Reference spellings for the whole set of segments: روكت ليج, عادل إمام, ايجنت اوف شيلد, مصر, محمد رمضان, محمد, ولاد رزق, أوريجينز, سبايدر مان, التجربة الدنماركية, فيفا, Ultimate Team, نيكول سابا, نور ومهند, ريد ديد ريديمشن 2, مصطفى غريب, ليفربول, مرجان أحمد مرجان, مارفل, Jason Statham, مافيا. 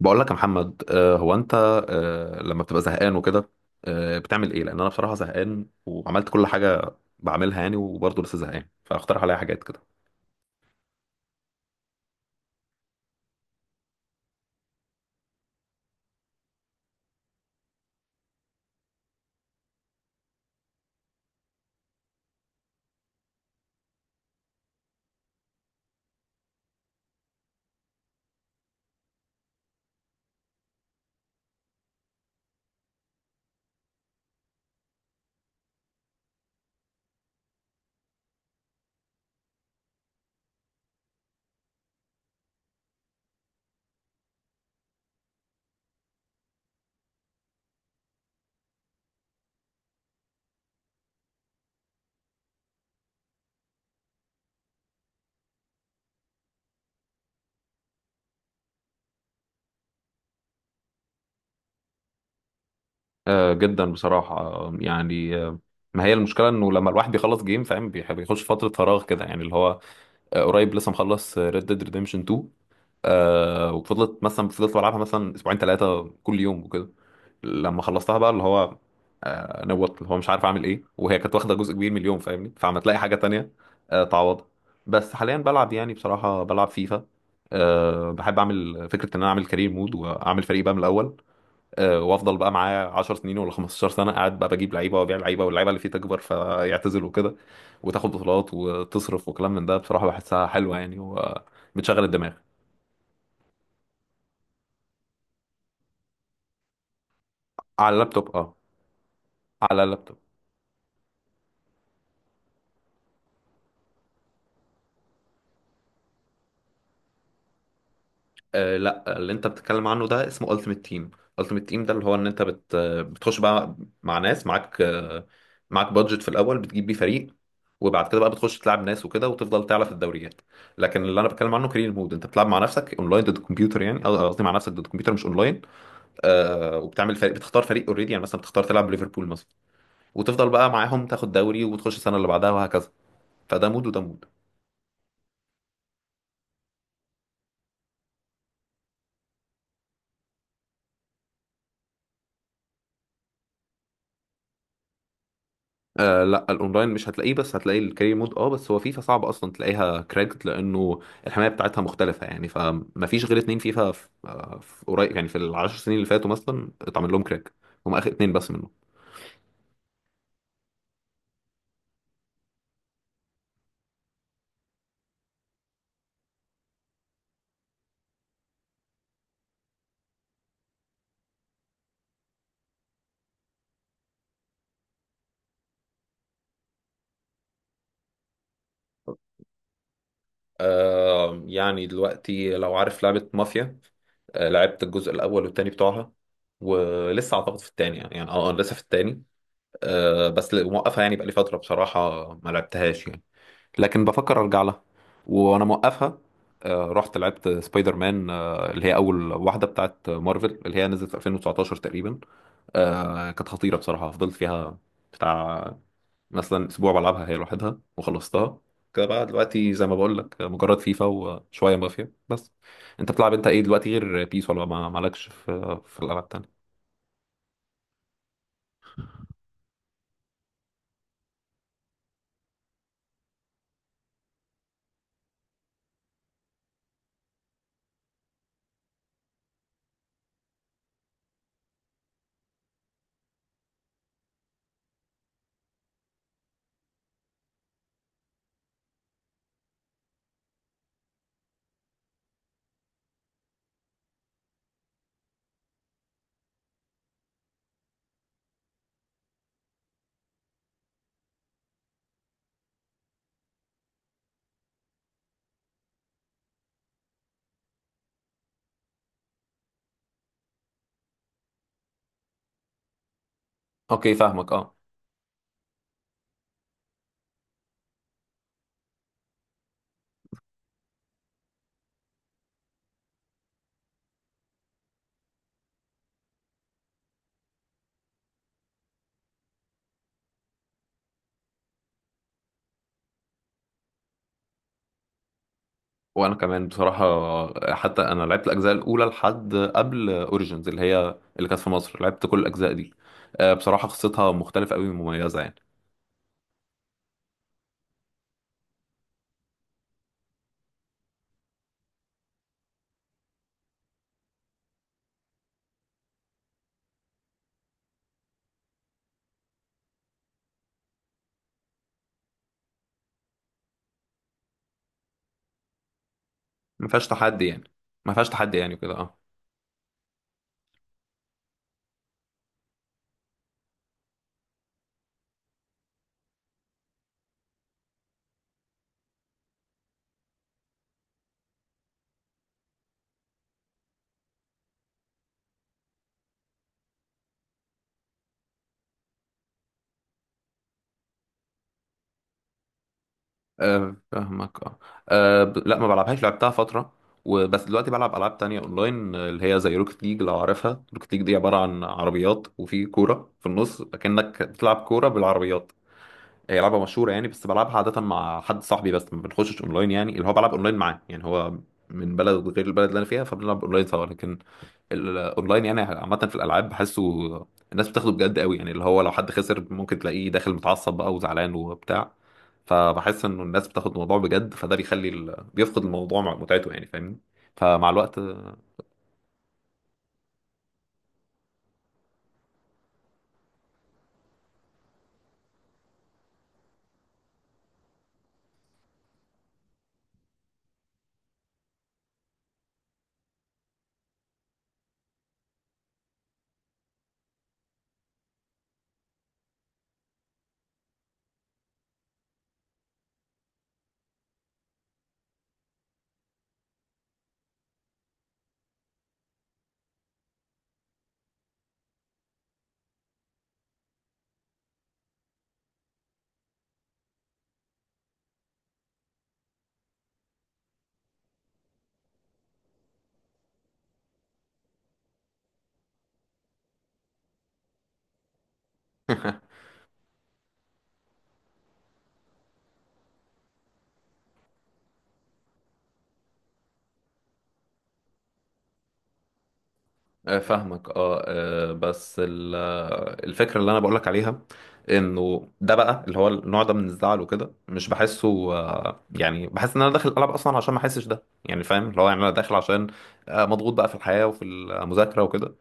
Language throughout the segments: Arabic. بقول لك يا محمد، هو انت لما بتبقى زهقان وكده بتعمل ايه، لان انا بصراحه زهقان وعملت كل حاجه بعملها يعني وبرضه لسه زهقان، فاقترح عليا حاجات كده. جدا بصراحه، يعني، ما هي المشكله انه لما الواحد بيخلص جيم فاهم بيخش فتره فراغ كده يعني اللي هو قريب لسه مخلص ريد ديد ريديمشن 2. وفضلت مثلا فضلت بلعبها مثلا اسبوعين ثلاثه كل يوم وكده، لما خلصتها بقى اللي هو نوت اللي هو مش عارف اعمل ايه، وهي كانت واخده جزء كبير من اليوم فاهمني، فعم تلاقي حاجه تانية تعوضها. بس حاليا بلعب يعني بصراحه بلعب فيفا. بحب اعمل فكره ان انا اعمل كارير مود واعمل فريق بقى من الاول. وافضل بقى معايا 10 سنين ولا 15 سنه قاعد بقى بجيب لعيبه وابيع لعيبه واللعيبه اللي فيه تكبر فيعتزل وكده، وتاخد بطولات وتصرف وكلام من ده، بصراحه بحسها حلوه يعني وبتشغل الدماغ. على اللابتوب اه. على اللابتوب. لا، اللي انت بتتكلم عنه ده اسمه Ultimate Team. Ultimate Team ده اللي هو ان انت بتخش بقى مع ناس، معاك معاك بادجت في الاول بتجيب بيه فريق، وبعد كده بقى بتخش تلعب ناس وكده وتفضل تعلى في الدوريات. لكن اللي انا بتكلم عنه كارير مود، انت بتلعب مع نفسك اونلاين ضد الكمبيوتر يعني، قصدي مع نفسك ضد الكمبيوتر مش اونلاين. وبتعمل فريق، بتختار فريق اوريدي يعني مثلا بتختار تلعب ليفربول مثلا، وتفضل بقى معاهم تاخد دوري وتخش السنه اللي بعدها وهكذا. فده مود وده مود. لا، الاونلاين مش هتلاقيه بس هتلاقي الكارير مود، بس هو فيفا صعب اصلا تلاقيها كراكت لانه الحمايه بتاعتها مختلفه يعني، فما فيش غير اتنين فيفا في قريب يعني، في العشر سنين اللي فاتوا مثلا اتعمل لهم كراك، هم اخر اتنين بس منهم. يعني دلوقتي لو عارف لعبة مافيا، لعبت الجزء الأول والتاني بتوعها، ولسه أعتقد في التاني يعني، أنا لسه في التاني. آه، بس ل- موقفها يعني بقالي فترة بصراحة ما لعبتهاش يعني، لكن بفكر ارجع لها وانا موقفها. رحت لعبت سبايدر مان، اللي هي اول واحده بتاعت مارفل، اللي هي نزلت في 2019 تقريبا. كانت خطيره بصراحه، فضلت فيها بتاع مثلا اسبوع بلعبها هي لوحدها وخلصتها. كده بقى دلوقتي زي ما بقول لك مجرد فيفا وشويه مافيا بس. انت بتلعب انت ايه دلوقتي غير بيس، ولا ما مالكش في الالعاب التانية؟ اوكي فاهمك اه. وانا كمان بصراحه، حتى انا لعبت الاجزاء الاولى لحد قبل اوريجينز، اللي هي اللي كانت في مصر، لعبت كل الاجزاء دي. بصراحه قصتها مختلفه قوي ومميزه يعني. ما فيهاش تحدي يعني، ما فيهاش تحدي يعني كده اه. فاهمك اه. لا، ما بلعبهاش، لعبتها فتره وبس. دلوقتي بلعب العاب تانية اونلاين، اللي هي زي روكت ليج، لو عارفها. روكت ليج دي عباره عن عربيات وفي كوره في النص، كأنك بتلعب كوره بالعربيات. هي لعبة مشهورة يعني، بس بلعبها عادة مع حد صاحبي، بس ما بنخشش اونلاين يعني، اللي هو بلعب اونلاين معاه يعني، هو من بلد غير البلد اللي انا فيها، فبنلعب اونلاين سوا. لكن الاونلاين يعني عامة في الالعاب بحسه الناس بتاخده بجد قوي يعني، اللي هو لو حد خسر ممكن تلاقيه داخل متعصب بقى وزعلان وبتاع، فبحس انه الناس بتاخد الموضوع بجد، فده بيخلي بيفقد الموضوع متعته يعني فاهمني. فمع الوقت فاهمك اه. بس الفكره اللي انا بقولك عليها، انه ده بقى اللي هو النوع ده من الزعل وكده مش بحسه، يعني بحس ان انا داخل الالعاب اصلا عشان ما احسش ده، يعني فاهم، اللي هو يعني انا داخل عشان مضغوط بقى في الحياه وفي المذاكره وكده.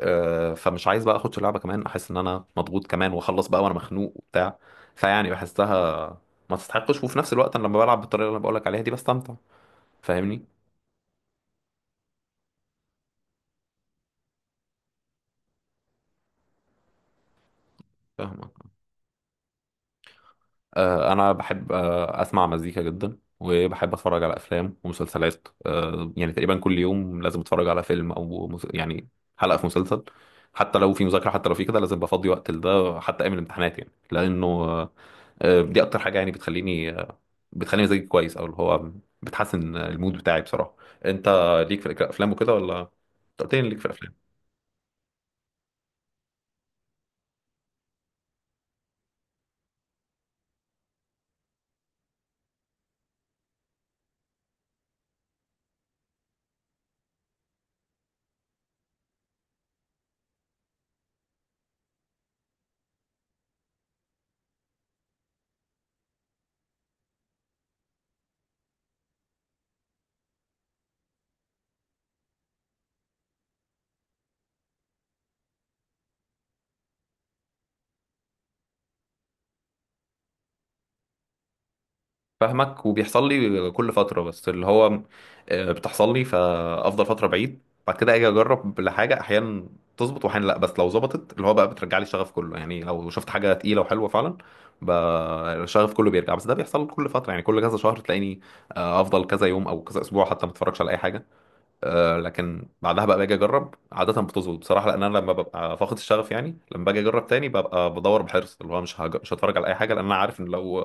فمش عايز بقى اخش اللعبه كمان احس ان انا مضغوط كمان واخلص بقى وانا مخنوق وبتاع، فيعني بحسها ما تستحقش. وفي نفس الوقت أنا لما بلعب بالطريقه اللي انا بقولك عليها دي بستمتع فاهمني. فاهمك. انا بحب اسمع مزيكا جدا، وبحب اتفرج على افلام ومسلسلات، يعني تقريبا كل يوم لازم اتفرج على فيلم او يعني حلقه في مسلسل. حتى لو في مذاكره، حتى لو في كده، لازم بفضي وقت لده، حتى ايام الامتحانات يعني، لانه دي اكتر حاجه يعني بتخليني بتخليني مزاجي كويس، او اللي هو بتحسن المود بتاعي بصراحه. انت ليك في الافلام وكده ولا؟ أنت قلت لي إن ليك في الافلام. فاهمك. وبيحصل لي كل فترة، بس اللي هو بتحصل لي، فأفضل فترة بعيد. بعد كده أجي أجرب لحاجة، أحيانا تظبط وأحيانا لأ، بس لو ظبطت اللي هو بقى بترجع لي الشغف كله يعني، لو شفت حاجة تقيلة وحلوة فعلا ب- الشغف كله بيرجع. بس ده بيحصل كل فترة يعني، كل كذا شهر تلاقيني أفضل كذا يوم أو كذا أسبوع حتى ما أتفرجش على أي حاجة. لكن بعدها بقى باجي اجرب، عاده بتظبط بصراحه، لان انا لما ببقى فاقد الشغف يعني، لما باجي اجرب تاني ببقى بدور بحرص، اللي هو مش هتفرج على اي حاجه، لان انا عارف ان لو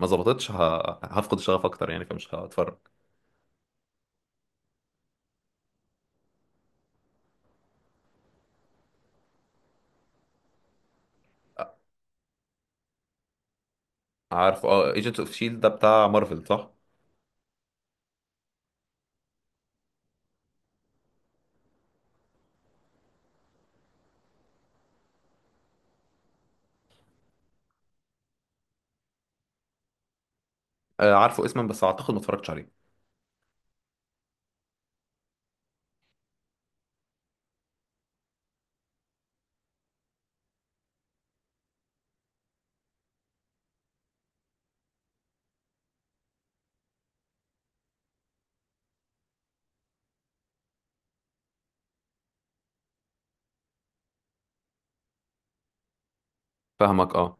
ما ظبطتش هفقد الشغف اكتر يعني، فمش هتفرج. عارفه اه، ايجنت اوف شيلد ده بتاع مارفل صح؟ عارفه اسما، بس اعتقد ما اتفرجتش عليه. فاهمك اه.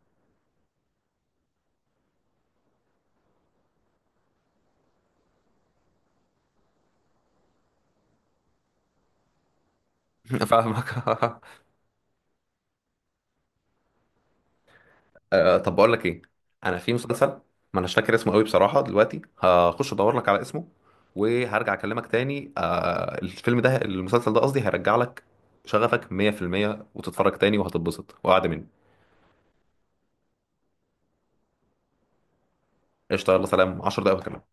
فاهمك طب بقول لك ايه، انا في مسلسل ما اناش فاكر اسمه قوي بصراحه، دلوقتي هخش ادور لك على اسمه وهرجع اكلمك تاني. الفيلم ده، المسلسل ده قصدي، هيرجع لك شغفك 100% وتتفرج تاني وهتتبسط وقعد مني. قشطه، يلا سلام، 10 دقايق وأكلمك.